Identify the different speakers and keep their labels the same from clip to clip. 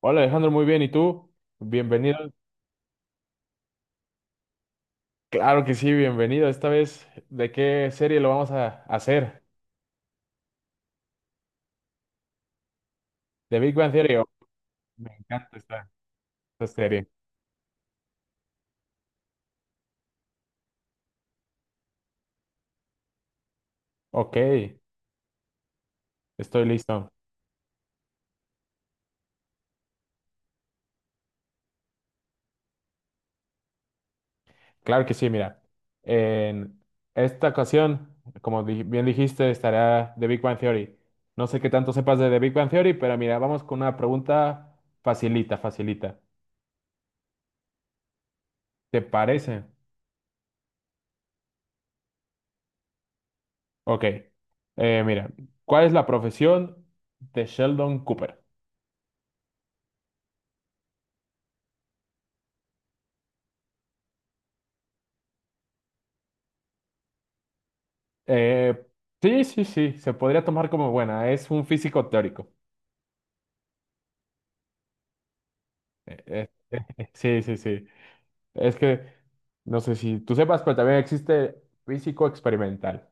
Speaker 1: Hola Alejandro, muy bien. ¿Y tú? Bienvenido. Claro que sí, bienvenido. Esta vez, ¿de qué serie lo vamos a hacer? ¿De Big Bang Theory? Oh, me encanta esta serie. Ok, estoy listo. Claro que sí, mira. En esta ocasión, como bien dijiste, estará The Big Bang Theory. No sé qué tanto sepas de The Big Bang Theory, pero mira, vamos con una pregunta facilita, facilita. ¿Te parece? Ok. Mira, ¿cuál es la profesión de Sheldon Cooper? Eh, sí, sí, sí, se podría tomar como buena. Es un físico teórico. Eh, sí, sí, sí. Es que no sé si tú sepas, pero también existe físico experimental.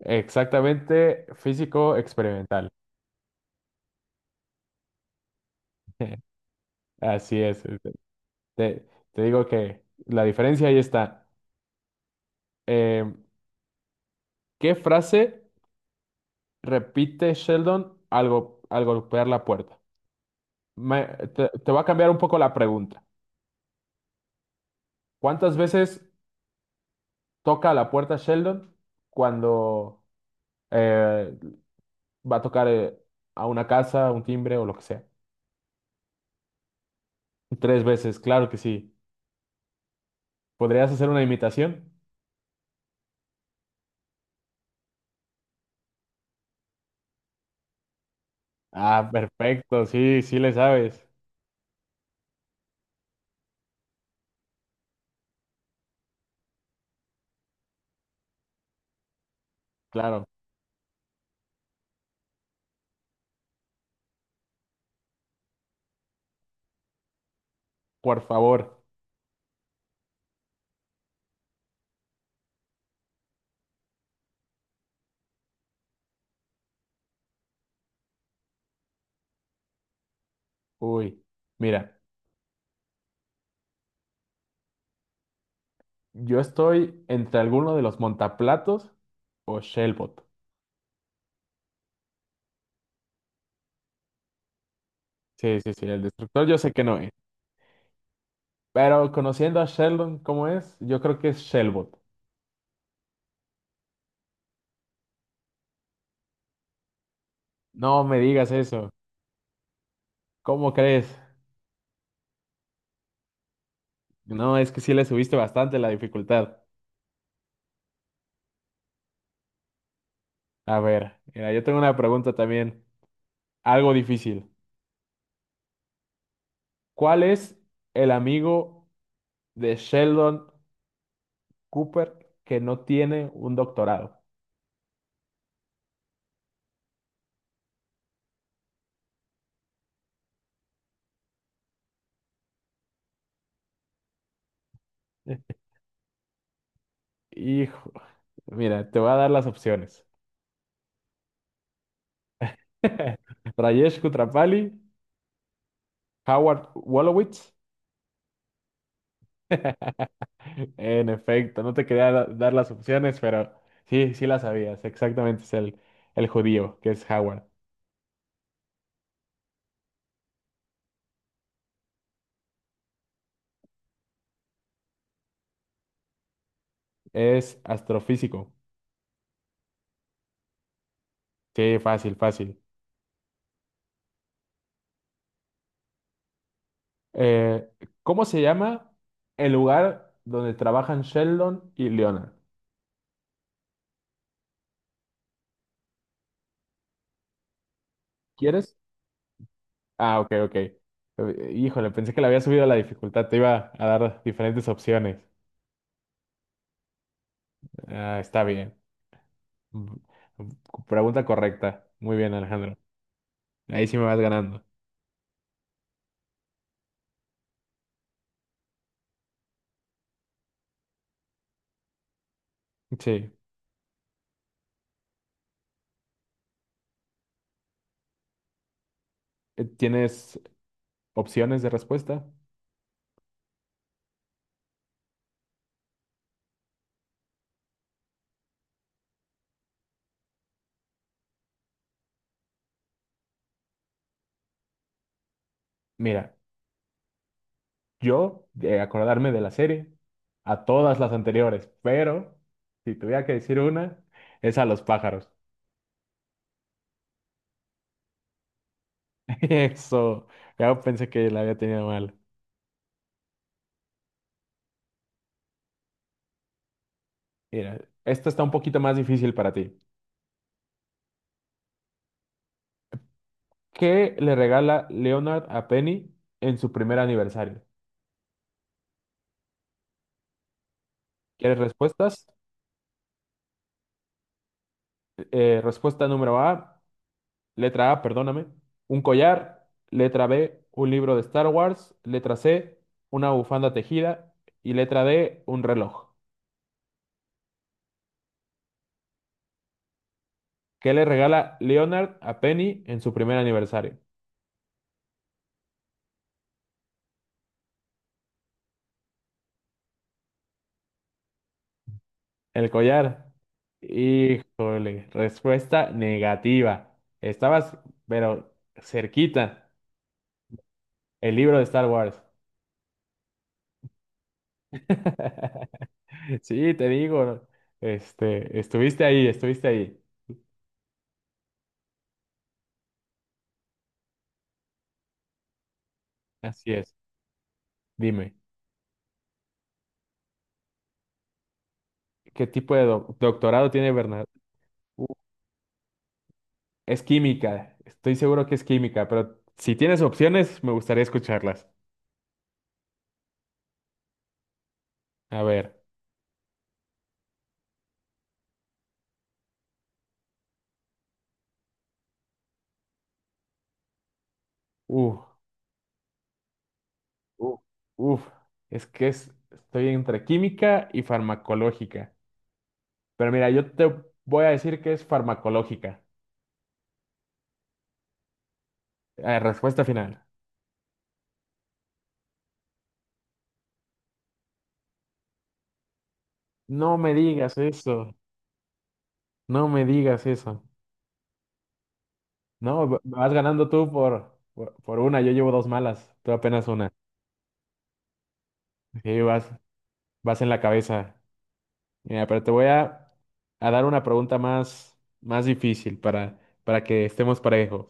Speaker 1: Exactamente, físico experimental. Así es. Te- Te digo que la diferencia ahí está. Eh, ¿Qué frase repite Sheldon al golpear la puerta? Me- Te voy a cambiar un poco la pregunta. ¿Cuántas veces toca a la puerta Sheldon cuando eh, va a tocar a una casa, un timbre o lo que sea. Tres veces, claro que sí. ¿Podrías hacer una imitación? Ah, perfecto, sí, sí le sabes. Claro, por favor. Uy, mira, yo estoy entre alguno de los montaplatos o Shellbot. Sí, sí, sí, el destructor yo sé que no es. Pero conociendo a Sheldon cómo es, yo creo que es Shellbot. No me digas eso. ¿Cómo crees? No, es que sí le subiste bastante la dificultad. A ver, mira, yo tengo una pregunta también, algo difícil. ¿Cuál es el amigo de Sheldon Cooper que no tiene un doctorado? Eh, Hijo, mira, te voy a dar las opciones. Rajesh Kutrapali, Howard Wolowitz. En efecto, no te quería dar las opciones, pero sí, sí las sabías. Exactamente, es el judío, que es Howard. Es astrofísico. Sí, fácil, fácil. Eh, ¿Cómo se llama el lugar donde trabajan Sheldon y Leonard? ¿Quieres? Ah, ok, ok. Híjole, pensé que le había subido la dificultad. Te iba a dar diferentes opciones. Ah, está bien. Mm, pregunta correcta. Muy bien, Alejandro. Ahí sí me vas ganando. Sí. ¿Tienes opciones de respuesta? Mira, yo de acordarme de la serie a todas las anteriores, pero si tuviera que decir una, es a los pájaros. Eso, ya pensé que la había tenido mal. Mira, esta está un poquito más difícil para ti. ¿Qué le regala Leonard a Penny en su primer aniversario? ¿Quieres respuestas? Respuesta número A, letra A, perdóname, un collar, letra B, un libro de Star Wars, letra C, una bufanda tejida y letra D, un reloj. ¿Qué le regala Leonard a Penny en su primer aniversario? El collar. Híjole, respuesta negativa. Estabas, pero cerquita. El libro de Star Wars. Sí, te digo. Estuviste ahí, estuviste ahí. Así es. Dime, ¿qué tipo de doctorado tiene Bernard? Uh, Es química. Estoy seguro que es química, pero si tienes opciones, me gustaría escucharlas. A ver. Uh, uh, Uf. Es que estoy entre química y farmacológica. Pero mira, yo te voy a decir que es farmacológica. Respuesta final. No me digas eso. No me digas eso. No, vas ganando tú por una. Yo llevo dos malas. Tú apenas una. Sí, vas en la cabeza. Mira, pero te voy a dar una pregunta más, más difícil para que estemos parejos.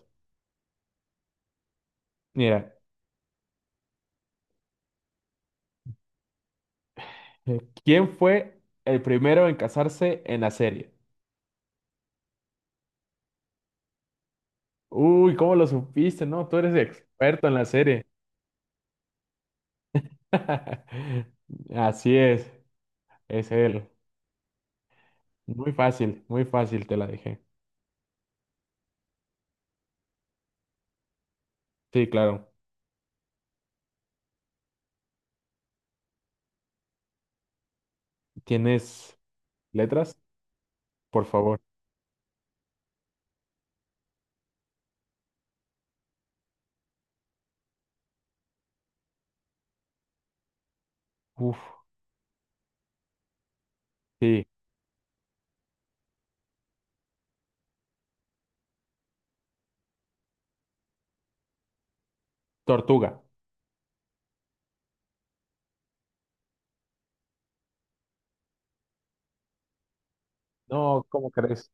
Speaker 1: Mira, ¿quién fue el primero en casarse en la serie? Uy, ¿cómo lo supiste? No, tú eres experto en la serie. Así es él. Muy fácil te la dejé. Sí, claro. ¿Tienes letras? Por favor. Uf, sí. Tortuga. No, ¿cómo crees?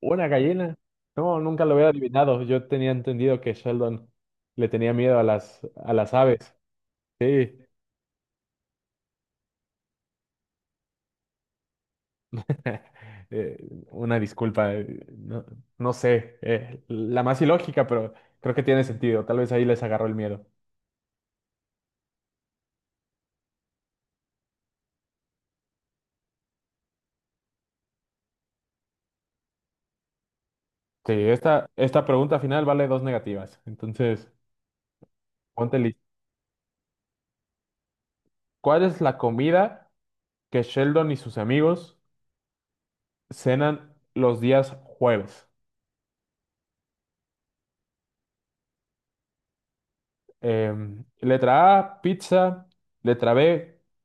Speaker 1: ¿Una gallina? No, nunca lo hubiera adivinado. Yo tenía entendido que Sheldon le tenía miedo a a las aves. Sí. Eh, una disculpa. No, no sé. La más ilógica, pero creo que tiene sentido. Tal vez ahí les agarró el miedo. Sí, esta pregunta final vale dos negativas. Entonces, ponte listo. ¿Cuál es la comida que Sheldon y sus amigos cenan los días jueves? Em, letra A, pizza. Letra B,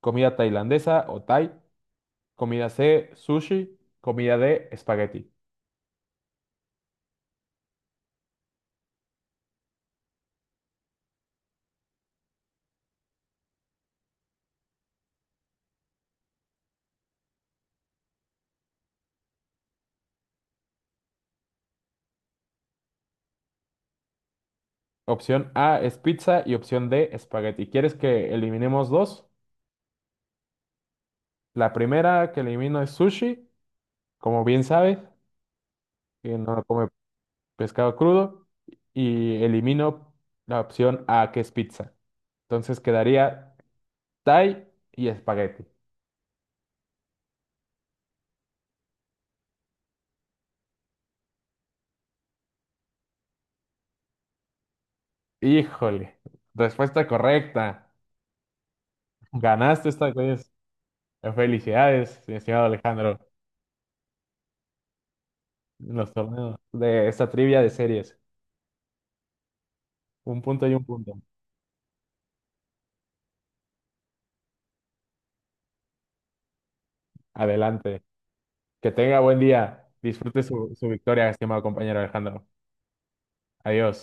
Speaker 1: comida tailandesa o Thai. Comida C, sushi. Comida D, espagueti. Opción A es pizza y opción D, espagueti. ¿Quieres que eliminemos dos? La primera que elimino es sushi, como bien sabes, que no come pescado crudo y elimino la opción A, que es pizza. Entonces quedaría Thai y espagueti. Híjole, respuesta correcta. Ganaste esta vez. Felicidades, estimado Alejandro, en los torneos de esta trivia de series. Un punto y un punto. Adelante. Que tenga buen día. Disfrute su, su victoria, estimado compañero Alejandro. Adiós.